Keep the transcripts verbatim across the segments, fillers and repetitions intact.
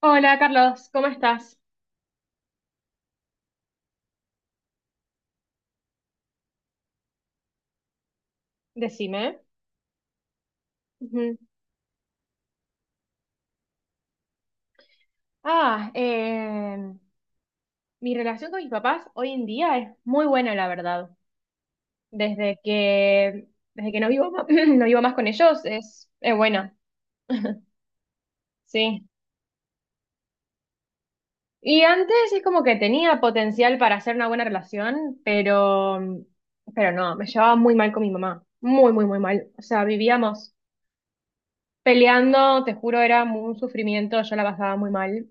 Hola Carlos, ¿cómo estás? Decime. Ujú. Ah, eh, mi relación con mis papás hoy en día es muy buena, la verdad. Desde que, desde que no vivo, ma- no vivo más con ellos, es, es buena, sí. Y antes es como que tenía potencial para hacer una buena relación, pero, pero no, me llevaba muy mal con mi mamá. Muy, muy, muy mal. O sea, vivíamos peleando, te juro, era un sufrimiento, yo la pasaba muy mal.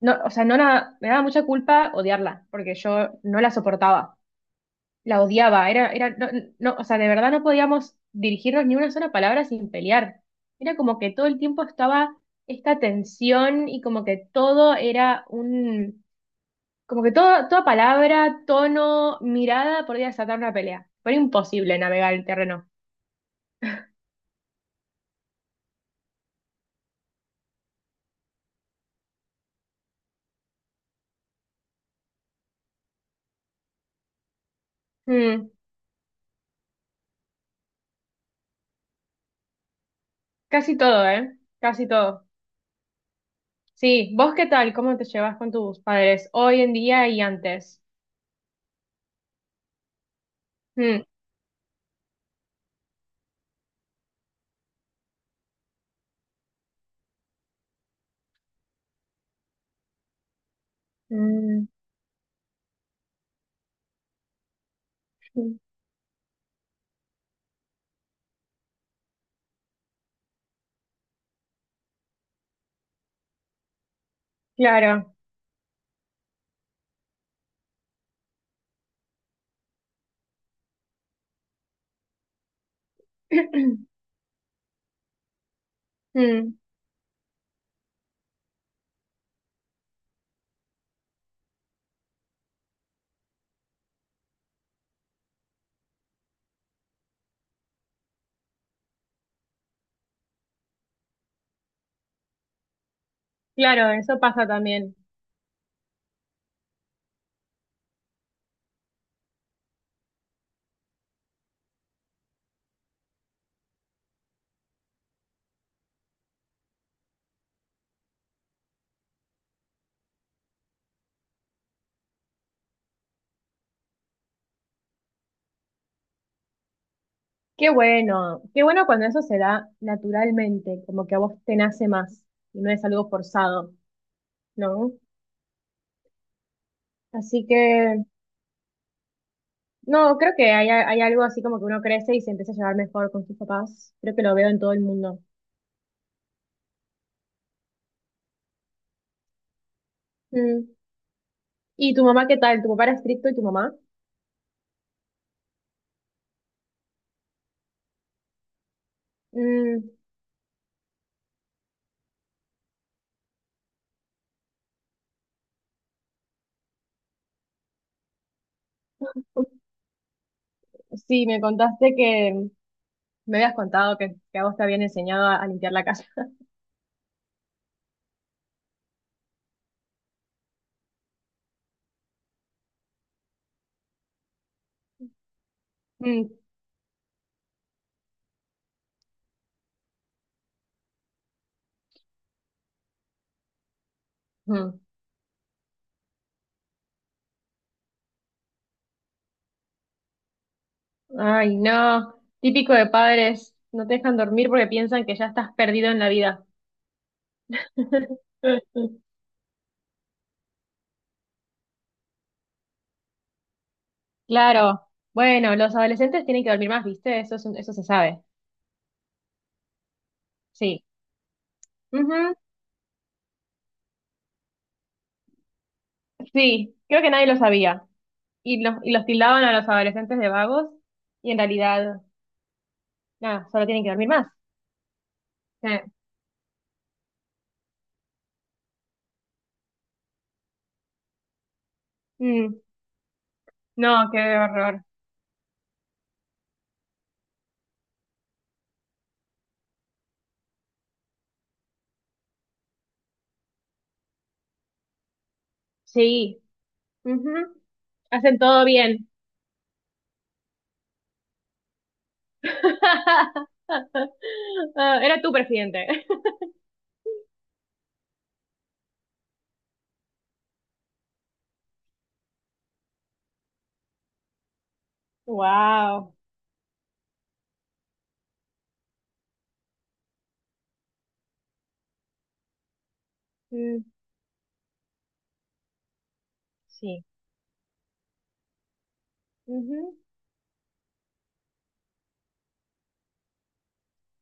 No, o sea, no la- me daba mucha culpa odiarla, porque yo no la soportaba, la odiaba, era, era, no, no, o sea, de verdad no podíamos dirigirnos ni una sola palabra sin pelear. Era como que todo el tiempo estaba esta tensión y como que todo era un, como que todo, toda palabra, tono, mirada podía desatar una pelea. Fue imposible navegar el terreno. Mm, casi todo, ¿eh? Casi todo. Sí, ¿vos qué tal? ¿Cómo te llevas con tus padres hoy en día y antes? Mm. Mm. Mm, claro, mm, claro, eso pasa también. Qué bueno, qué bueno cuando eso se da naturalmente, como que a vos te nace más y no es algo forzado, ¿no? Así que, no, creo que hay, hay algo así como que uno crece y se empieza a llevar mejor con sus papás. Creo que lo veo en todo el mundo. Mm, ¿y tu mamá qué tal? ¿Tu papá era estricto y tu mamá? Mm, sí, me contaste que me habías contado que, que a vos te habían enseñado a, a limpiar la casa. Mm, mm. Ay, no. Típico de padres, no te dejan dormir porque piensan que ya estás perdido en la vida. Claro. Bueno, los adolescentes tienen que dormir más, ¿viste? Eso es un- eso se sabe. Sí. Ujú, sí, creo que nadie lo sabía. Y los, y los tildaban a los adolescentes de vagos y en realidad, nada, solo tienen que dormir más. Sí. Mm, no, qué horror. Sí. Ujú, hacen todo bien. Ah, era tu presidente. Wow. Mm, sí, ujú,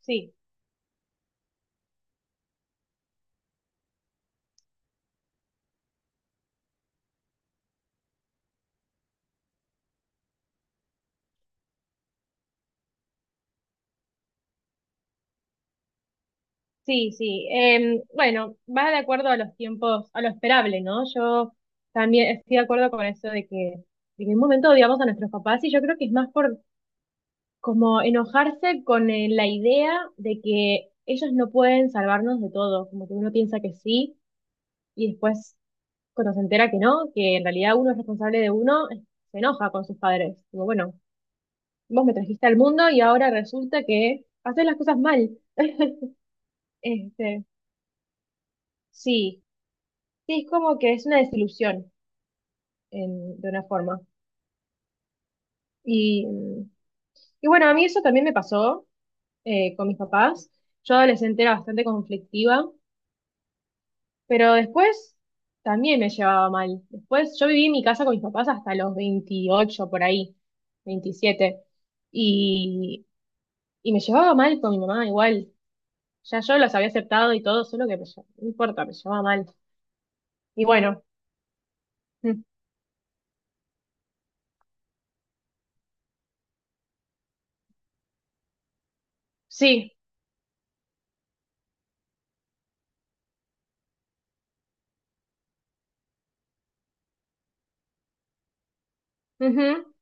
sí, sí, sí. Em, bueno, va de acuerdo a los tiempos, a lo esperable, ¿no? Yo también estoy de acuerdo con eso de que, de que en un momento odiamos a nuestros papás y yo creo que es más por como enojarse con eh, la idea de que ellos no pueden salvarnos de todo, como que uno piensa que sí y después cuando se entera que no, que en realidad uno es responsable de uno, se enoja con sus padres. Como, bueno, vos me trajiste al mundo y ahora resulta que haces las cosas mal. Este, sí, sí, es como que es una desilusión en- de una forma. Y, y bueno, a mí eso también me pasó eh, con mis papás. Yo adolescente era bastante conflictiva, pero después también me llevaba mal. Después yo viví en mi casa con mis papás hasta los veintiocho por ahí, veintisiete. Y, y me llevaba mal con mi mamá igual. Ya yo los había aceptado y todo, solo que me lle- no importa, me llevaba mal. Y bueno, mm, sí. Ujú,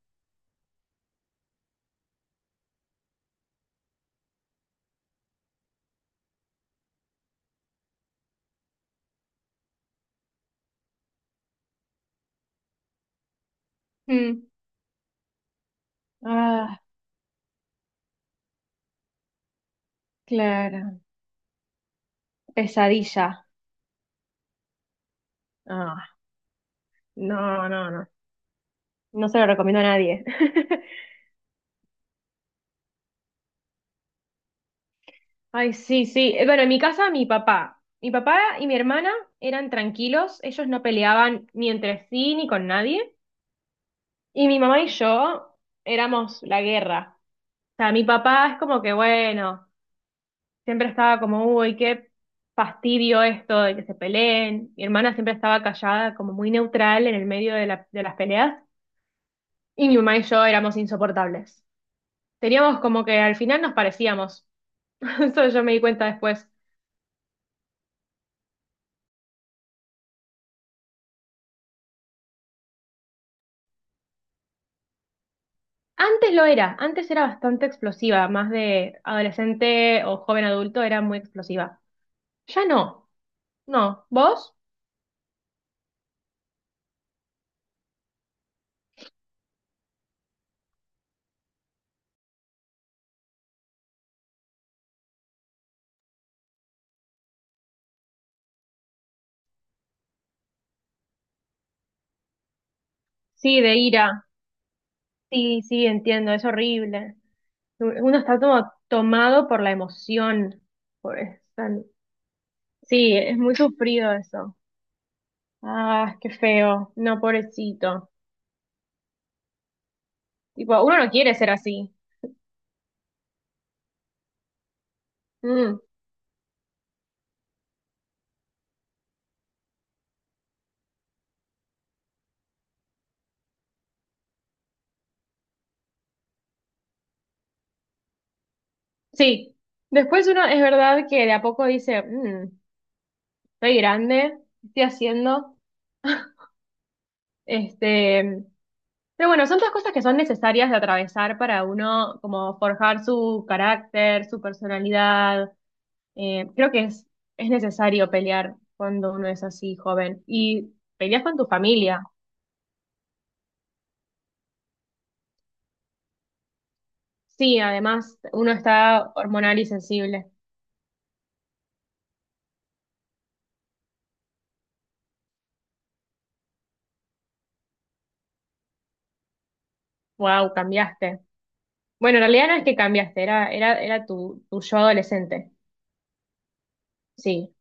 mm. Ah, claro. Pesadilla. Ah, no, no, no. No se lo recomiendo a nadie. Ay, sí, sí. Eh, bueno, en mi casa, mi papá. Mi papá y mi hermana eran tranquilos, ellos no peleaban ni entre sí ni con nadie. Y mi mamá y yo éramos la guerra. O sea, mi papá es como que, bueno, siempre estaba como, uy, qué fastidio esto de que se peleen. Mi hermana siempre estaba callada, como muy neutral en el medio de la- de las peleas. Y mi mamá y yo éramos insoportables. Teníamos como que al final nos parecíamos. Eso yo me di cuenta después. Antes lo era, antes era bastante explosiva, más de adolescente o joven adulto era muy explosiva. Ya no, no. ¿Vos? Sí, de ira. Sí, sí, entiendo, es horrible. Uno está como tomado por la emoción. Por esa- Sí, es muy sufrido eso. Ah, qué feo. No, pobrecito. Tipo, uno no quiere ser así. Mm. Sí, después uno es verdad que de a poco dice, "Mm, estoy grande, ¿qué estoy haciendo?", este, pero bueno, son todas cosas que son necesarias de atravesar para uno como forjar su carácter, su personalidad. Eh, creo que es, es necesario pelear cuando uno es así joven y peleas con tu familia. Sí, además uno está hormonal y sensible. Wow, cambiaste. Bueno, en realidad no es que cambiaste, era, era, era tu, tu yo adolescente. Sí.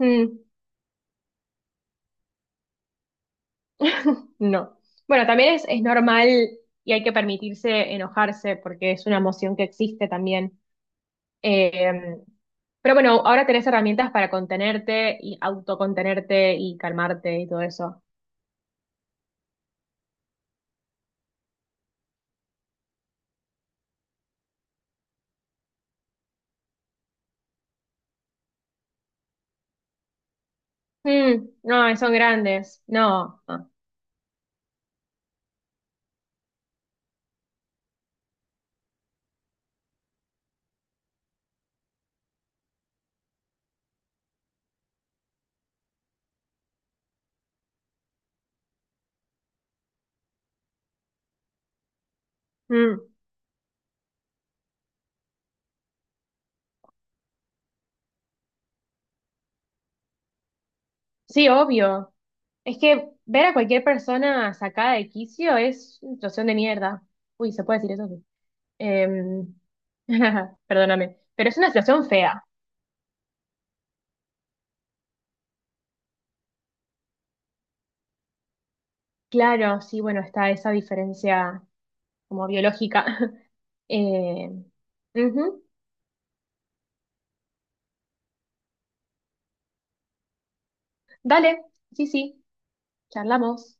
Mm, no. Bueno, también es, es normal y hay que permitirse enojarse porque es una emoción que existe también. Eh, pero bueno, ahora tenés herramientas para contenerte y autocontenerte y calmarte y todo eso. Mm, no, son grandes. No, no. Mm, sí, obvio. Es que ver a cualquier persona sacada de quicio es una situación de mierda. Uy, se puede decir eso. Sí. Em, perdóname. Pero es una situación fea. Claro, sí, bueno, está esa diferencia como biológica. Eh, ujú. Dale, sí, sí, charlamos.